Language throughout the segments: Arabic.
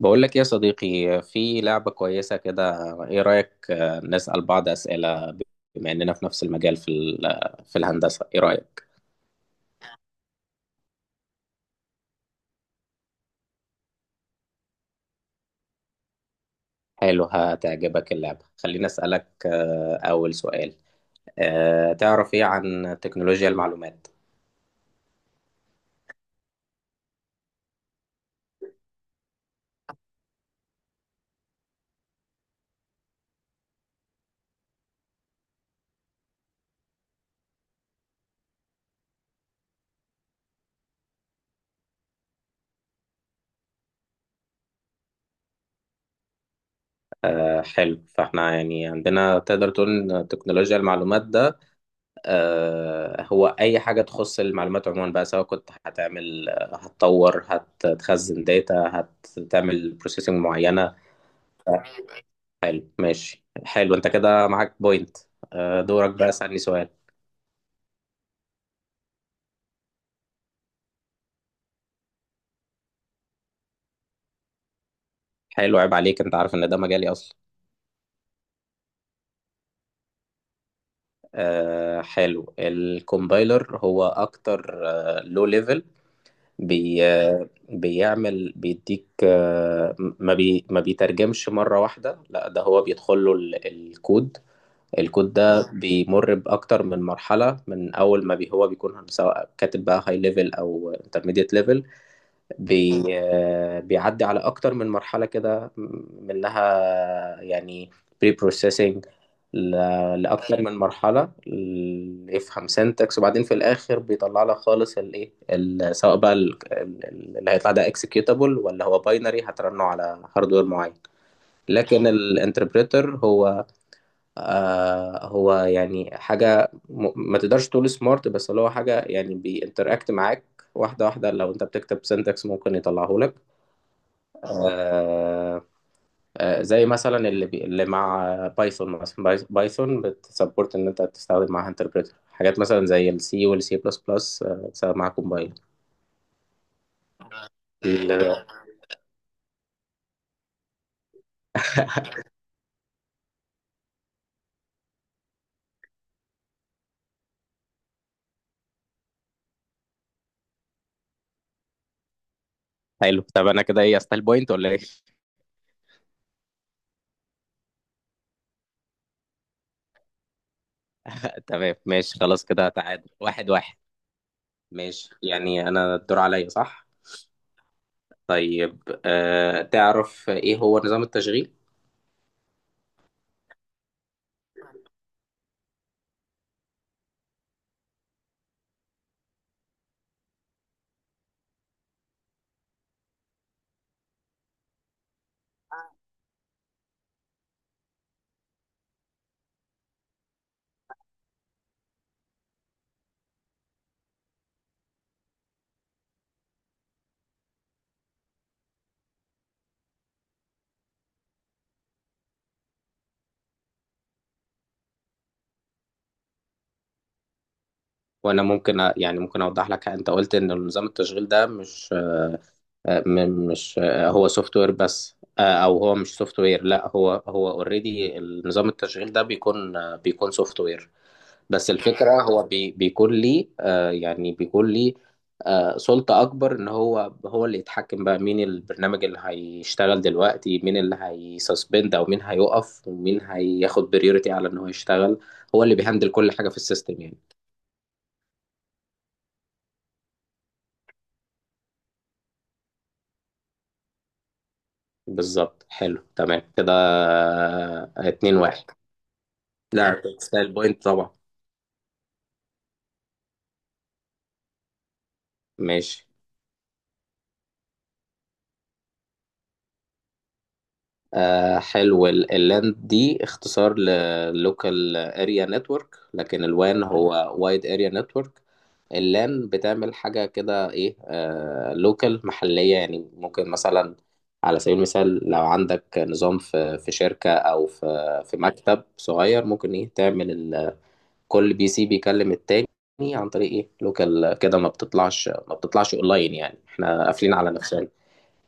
بقول لك إيه يا صديقي، في لعبة كويسة كده. ايه رأيك نسأل بعض أسئلة؟ بما اننا في نفس المجال، في الهندسة. ايه رأيك؟ حلو، هتعجبك اللعبة. خليني أسألك أول سؤال. تعرف ايه عن تكنولوجيا المعلومات؟ حلو، فاحنا يعني عندنا تقدر تقول ان تكنولوجيا المعلومات ده هو اي حاجة تخص المعلومات عموما بقى، سواء كنت هتعمل هتطور، هتخزن داتا، هتعمل بروسيسنج معينة. حلو، ماشي، حلو. انت كده معاك بوينت. دورك بقى، اسألني سؤال. حلو، عيب عليك، انت عارف ان ده مجالي اصلا. حلو، الكومبايلر هو اكتر لو ليفل. بي آه، بيعمل، بيديك ما بيترجمش مرة واحدة، لا ده هو بيدخل له الكود. الكود ده بيمر بأكتر من مرحلة، من أول ما بي هو بيكون سواء كاتب بقى هاي ليفل أو انترميديت ليفل. بي بيعدي على اكتر من مرحله كده، منها يعني بري بروسيسنج لاكتر من مرحله يفهم سنتكس، وبعدين في الاخر بيطلع لك خالص الايه، سواء بقى اللي هيطلع ده اكسكيوتابل ولا هو باينري هترنه على هاردوير معين. لكن الانتربريتر هو، آه هو يعني حاجه ما تقدرش تقول سمارت، بس اللي هو حاجه يعني بينتراكت معاك واحده واحده. لو انت بتكتب سنتكس ممكن يطلعه لك. اه آه، زي مثلا اللي مع بايثون مثلا. بايثون بتسبورت ان انت تستخدم معاها انتربريتر، حاجات مثلا زي السي والسي بلس بلس بتستخدم معاها كومبايل ال- حلو، طب انا كده ايه، استايل بوينت ولا ايه؟ تمام ماشي، خلاص كده تعادل واحد واحد. ماشي، يعني انا الدور عليا صح؟ طيب أه، تعرف ايه هو نظام التشغيل؟ وانا ممكن يعني ممكن اوضح لك. انت قلت ان نظام التشغيل ده مش، مش هو سوفت وير بس، او هو مش سوفت وير. لا هو هو اوريدي نظام التشغيل ده بيكون بيكون سوفت وير. بس الفكرة، هو بي بيكون لي يعني بيكون لي سلطة أكبر، إن هو هو اللي يتحكم بقى مين البرنامج اللي هيشتغل دلوقتي، مين اللي هيسسبند أو مين هيقف ومين هياخد بريورتي على إن هو يشتغل. هو اللي بيهندل كل حاجة في السيستم يعني. بالظبط، حلو تمام كده. اتنين واحد. لا، تستاهل بوينت طبعا. ماشي. آه حلو، اللاند دي اختصار للوكال اريا نتورك، لكن الوان هو وايد اريا نتورك. اللان بتعمل حاجة كده ايه، آه لوكال محلية يعني. ممكن مثلا على سبيل المثال، لو عندك نظام في شركة او في مكتب صغير، ممكن ايه تعمل كل بي سي بيكلم التاني عن طريق ايه لوكال كده، ما بتطلعش ما بتطلعش اونلاين، يعني احنا قافلين على نفسنا.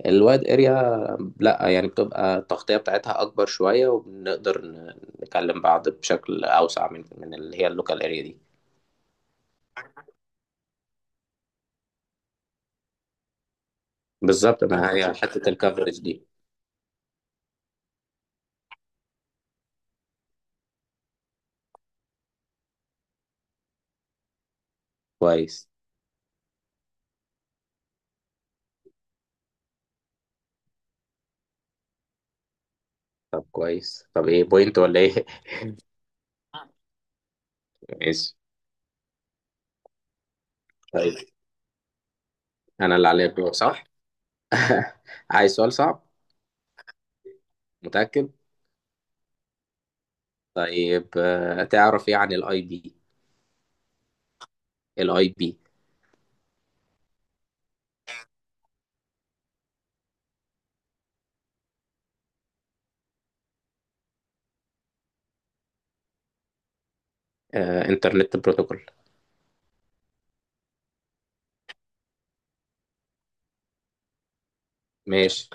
الوايد اريا لا، يعني بتبقى التغطية بتاعتها أكبر شوية، وبنقدر نكلم بعض بشكل أوسع من اللي هي اللوكال اريا دي. بالظبط، ما هي حتة الكفرج دي. كويس. طب كويس، طب ايه، بوينت ولا ايه؟ ماشي. طيب أنا اللي عليا الدور صح؟ عايز سؤال صعب؟ متأكد؟ طيب تعرف ايه عن الاي بي؟ الاي بي؟ انترنت بروتوكول. ماشي،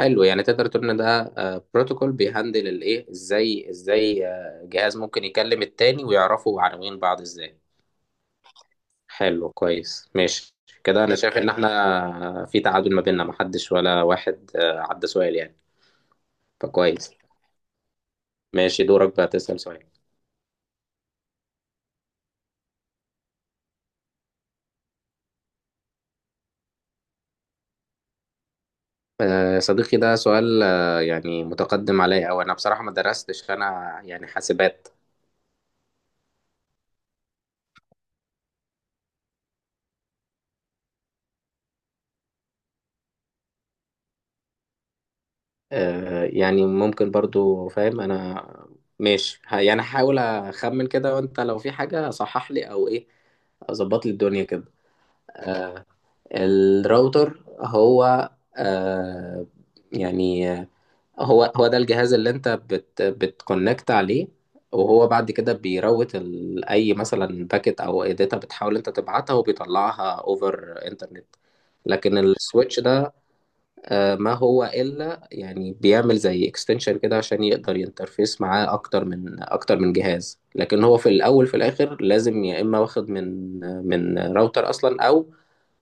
حلو، يعني تقدر تقول ان ده بروتوكول بيهندل الايه، ازاي ازاي جهاز ممكن يكلم التاني ويعرفوا عناوين بعض ازاي. حلو، كويس، ماشي. كده انا شايف ان احنا في تعادل ما بيننا، محدش ولا واحد عدى سؤال يعني. فكويس. ماشي، دورك بقى تسأل سؤال. صديقي ده سؤال يعني متقدم عليا، او انا بصراحة ما درستش، انا يعني حاسبات. يعني ممكن برضو فاهم انا. ماشي، يعني هحاول اخمن كده، وانت لو في حاجة صحح لي او ايه، اظبط لي الدنيا كده. الراوتر هو، آه يعني هو هو ده الجهاز اللي انت بتكونكت عليه، وهو بعد كده بيروت اي مثلا باكت او اي داتا بتحاول انت تبعتها، وبيطلعها اوفر انترنت. لكن السويتش ده، ما هو إلا يعني بيعمل زي اكستنشن كده عشان يقدر ينترفيس معاه أكتر من جهاز، لكن هو في الأول في الآخر لازم يا إما واخد من راوتر أصلا، أو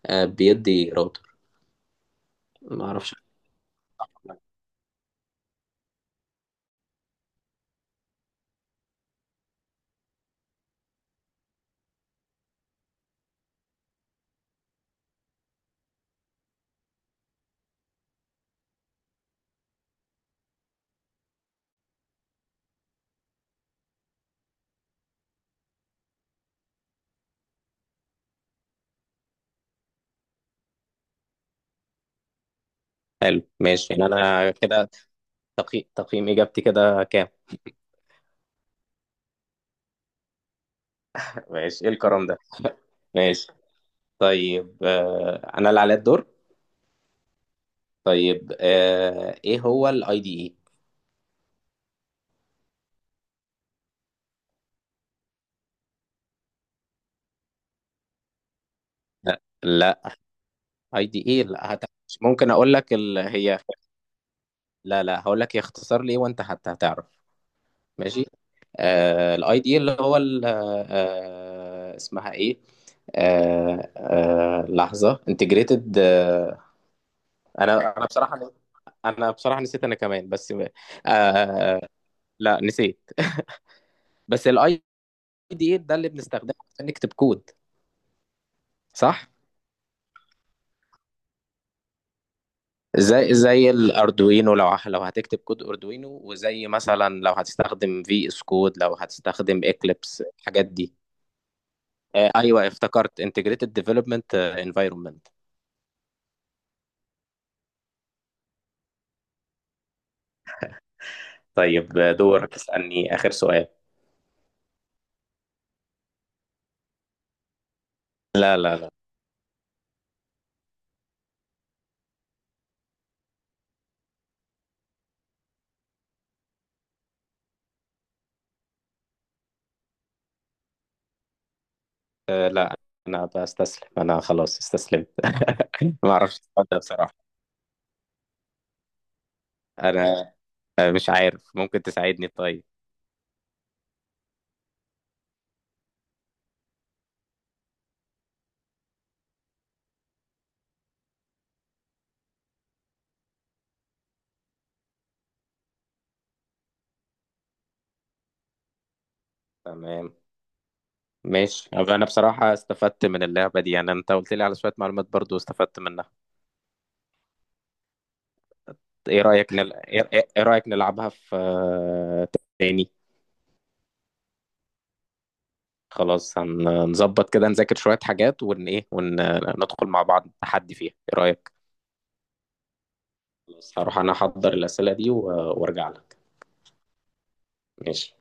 بيدي راوتر. ما أعرفش. حلو، ماشي. يعني أنا كده تقييم إجابتي كده كام؟ ماشي. إيه الكرم ده؟ ماشي. طيب أنا اللي عليا الدور. طيب إيه هو الأي دي إي؟ لا، اي دي اي. لا هت... ممكن اقول لك ال... هي. لا لا، هقول لك يختصر لي وانت حتى هتعرف. ماشي. آه، الاي دي اللي هو اسمها ايه، لحظه، انتجريتد آه. انا بصراحه، بصراحه نسيت انا كمان بس. آه، لا نسيت. بس الاي دي ده اللي بنستخدمه عشان نكتب كود. صح، زي زي الاردوينو. لو لو هتكتب كود اردوينو، وزي مثلا لو هتستخدم في اس كود، لو هتستخدم اكليبس الحاجات دي. ايوه افتكرت integrated development environment. طيب دورك اسألني آخر سؤال. لا لا لا. لا انا بستسلم، انا خلاص استسلمت ما اعرفش السؤال ده بصراحة. انا مش عارف، ممكن تساعدني طيب؟ تمام. ماشي، طب انا بصراحة استفدت من اللعبة دي، يعني انت قلت لي على شوية معلومات برضو استفدت منها. ايه رأيك نل... ايه إيه رأيك نلعبها في تاني؟ خلاص، هنظبط كده، نذاكر شوية حاجات ون ايه، وندخل مع بعض تحدي فيها، ايه رأيك؟ خلاص، هروح انا احضر الأسئلة دي وارجع لك. ماشي.